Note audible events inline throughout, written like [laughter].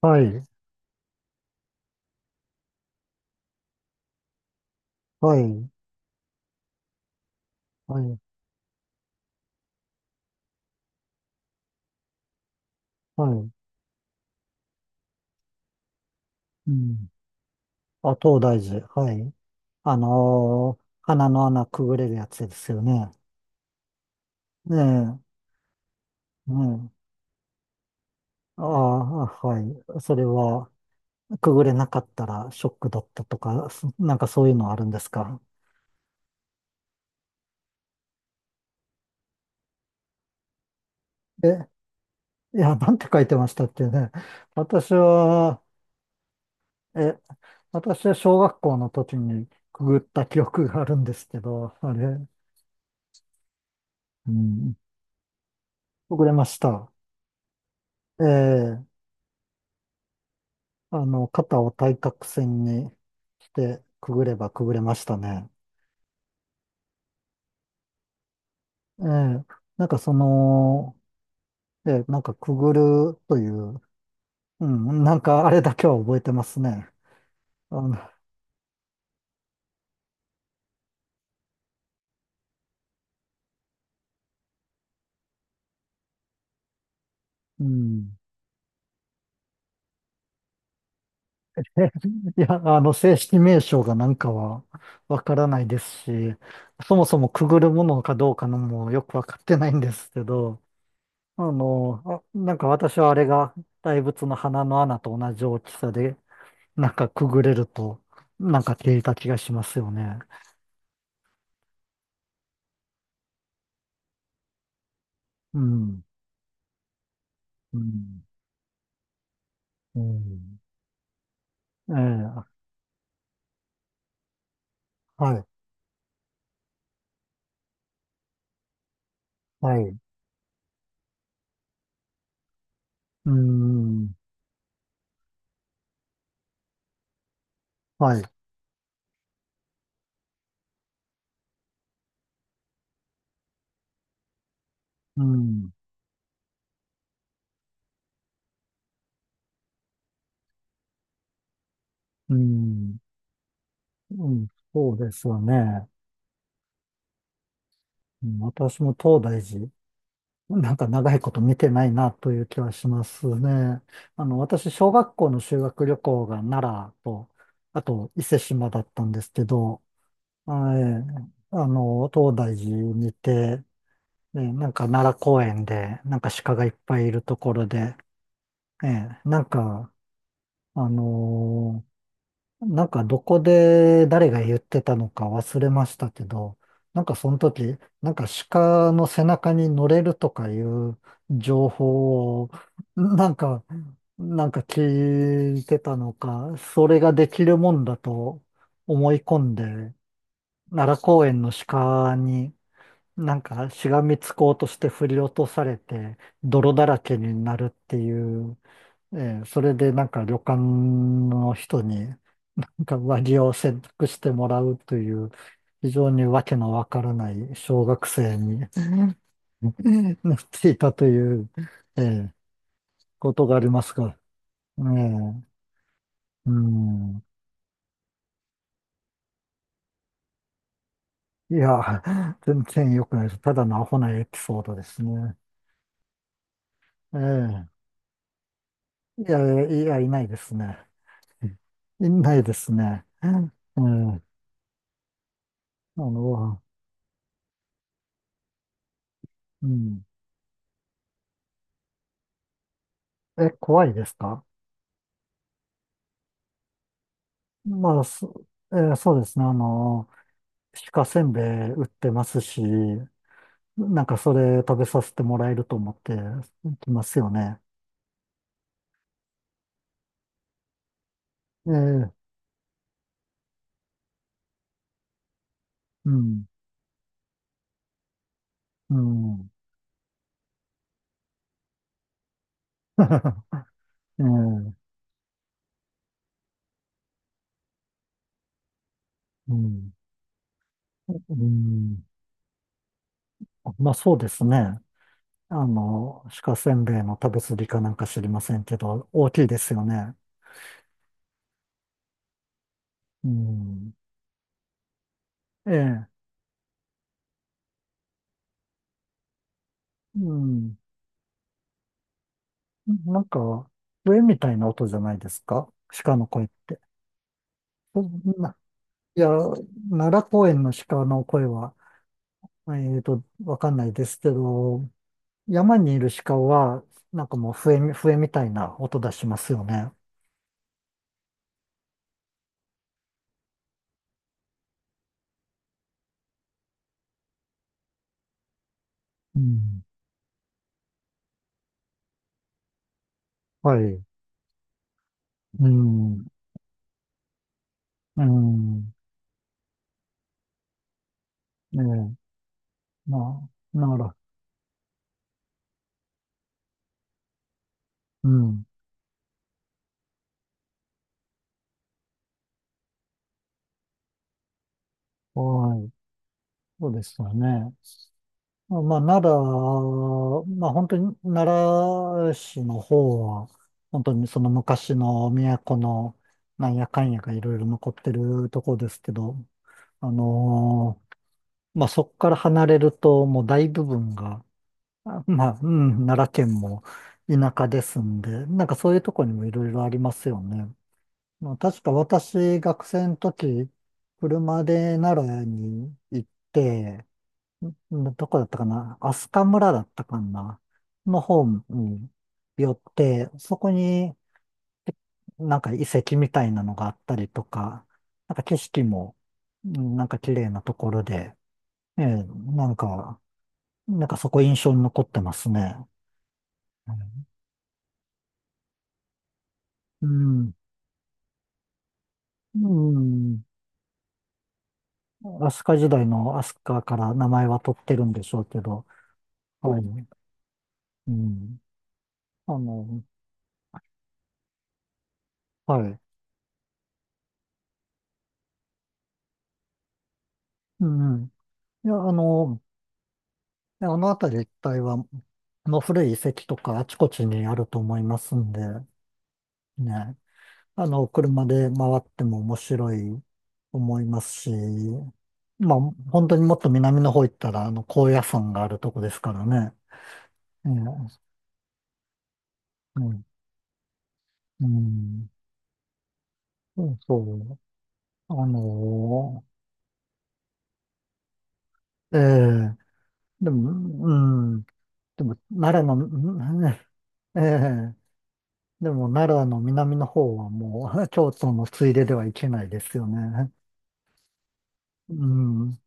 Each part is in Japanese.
はい、はい、はい、はい。うん。あ、東大寺。はい。鼻の穴くぐれるやつですよね。ねえ、ねえ。ああ、はい。それは、くぐれなかったらショックだったとか、なんかそういうのあるんですか？え、いや、なんて書いてましたっけね。私は、え、私は小学校の時にくぐった記憶があるんですけど、あれ、うん、くぐれました。ええ、肩を対角線にしてくぐればくぐれましたね。ええ、なんかその、ええ、なんかくぐるという、うん、なんかあれだけは覚えてますね。あの、うん。[laughs] いや、正式名称がなんかはわからないですし、そもそもくぐるものかどうかのもよくわかってないんですけど、なんか私はあれが大仏の鼻の穴と同じ大きさで、なんかくぐれると、なんか消えた気がしますよね。うん。うん。うん。ええ、はい。はい。うん。はい。うん。うん。うん。そうですよね。うん、私も東大寺、なんか長いこと見てないなという気はしますね。私、小学校の修学旅行が奈良と、あと伊勢志摩だったんですけど、はい。東大寺にて、ええ、なんか奈良公園で、なんか鹿がいっぱいいるところで、ええ、なんか、あのーなんかどこで誰が言ってたのか忘れましたけど、なんかその時、なんか鹿の背中に乗れるとかいう情報を、[laughs] なんか、なんか聞いてたのか、それができるもんだと思い込んで、奈良公園の鹿に、なんかしがみつこうとして振り落とされて泥だらけになるっていう、えそれでなんか旅館の人になんか上着を洗濯してもらうという非常にわけのわからない小学生に [laughs] なっていたという、えーことがありますが、えーうん、いや、全然良くないです。ただのアホなエピソードですね。ええ、いや、いや、いないですね。いないですね。ええ、の、うん。え、怖いですか？まあ、そうですね。鹿せんべい売ってますし、なんかそれ食べさせてもらえると思ってきますよね。ええ、うん、うん。[laughs] ええ、うん、うん。まあ、そうですね。鹿せんべいの食べ過ぎかなんか知りませんけど、大きいですよね。うん。ええ、うん。なんか、笛みたいな音じゃないですか、鹿の声って。そんな、いや、奈良公園の鹿の声は、わかんないですけど、山にいる鹿は、なんかもう笛みたいな音出しますよね。うん。はい。うん。うん。ねえ、まあ、なら、うん。はい。そうですよね。まあ、奈良、まあ本当に奈良市の方は、本当にその昔の都のなんやかんやがいろいろ残ってるとこですけど、あのまあそこから離れるともう大部分が、あ、まあ、うん、奈良県も田舎ですんで、なんかそういうとこにもいろいろありますよね。まあ、確か私、学生の時、車で奈良に行って、どこだったかな、飛鳥村だったかなの方に寄って、そこになんか遺跡みたいなのがあったりとか、なんか景色も、うん、なんか綺麗なところで、ええ、なんか、なんかそこ印象に残ってますね。うん。うん。飛鳥時代の飛鳥から名前は取ってるんでしょうけど、はい。うん。あの、はい。うん。いや、であの辺り一帯は、もう古い遺跡とかあちこちにあると思いますんで、ね、車で回っても面白いと思いますし、まあ、本当にもっと南の方行ったら、高野山があるとこですからね。ええ、うん、うん、そうそう。あのええ、でも、うん、でも、奈良の、[laughs] うん、ええ、でも、奈良の南の方はもう、[laughs] 京都のついでではいけないですよね。うん。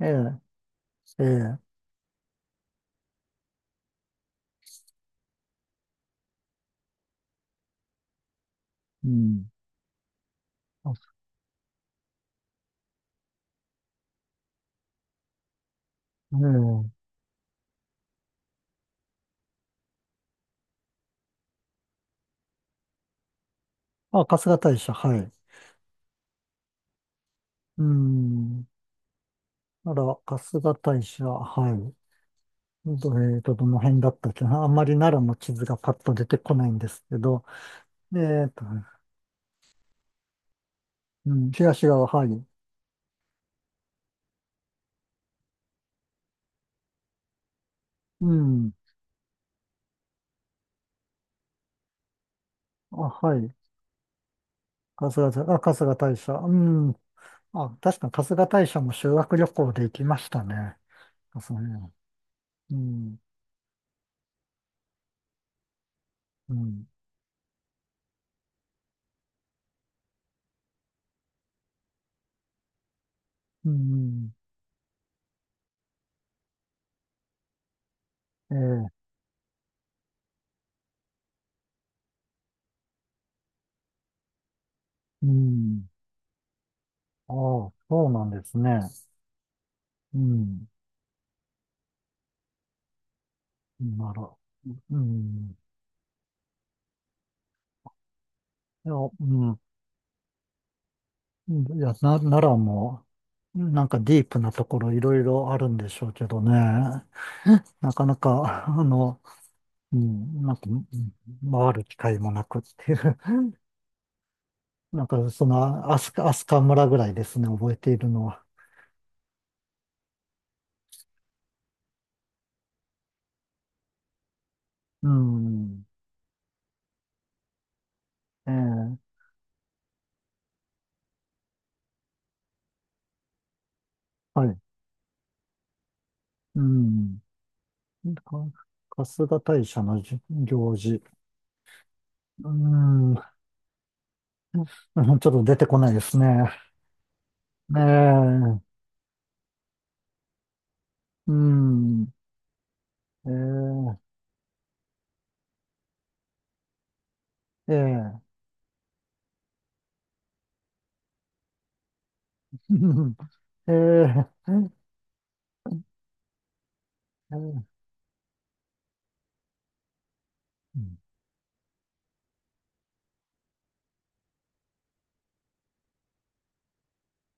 ええ、ええ、うん。あ、ええ。あ、春日大社、はい。うん。なら、春日大社、はい。えっと、どの辺だったっけな。あんまり奈良の地図がパッと出てこないんですけど、えっと、うん、東側、はい。うん。あ、はい。春日大社、うん。あ、確か春日大社も修学旅行で行きましたね。そうね。うん、うん、うん、ええ、うん。ああ、そうなんですね。うん。なら、うん。いや、うん。いや、奈良も、なんかディープなところいろいろあるんでしょうけどね。なかなか、うん、なんか、うん、回る機会もなくっていう。[laughs] なんか、その、アスカ村ぐらいですね、覚えているのは。うん。ええ、はい。うん。か春日大社の行事。うん。うん、ちょっと出てこないですね。ええ、うん、ええ、ええ、[laughs] うん、ええ、ええ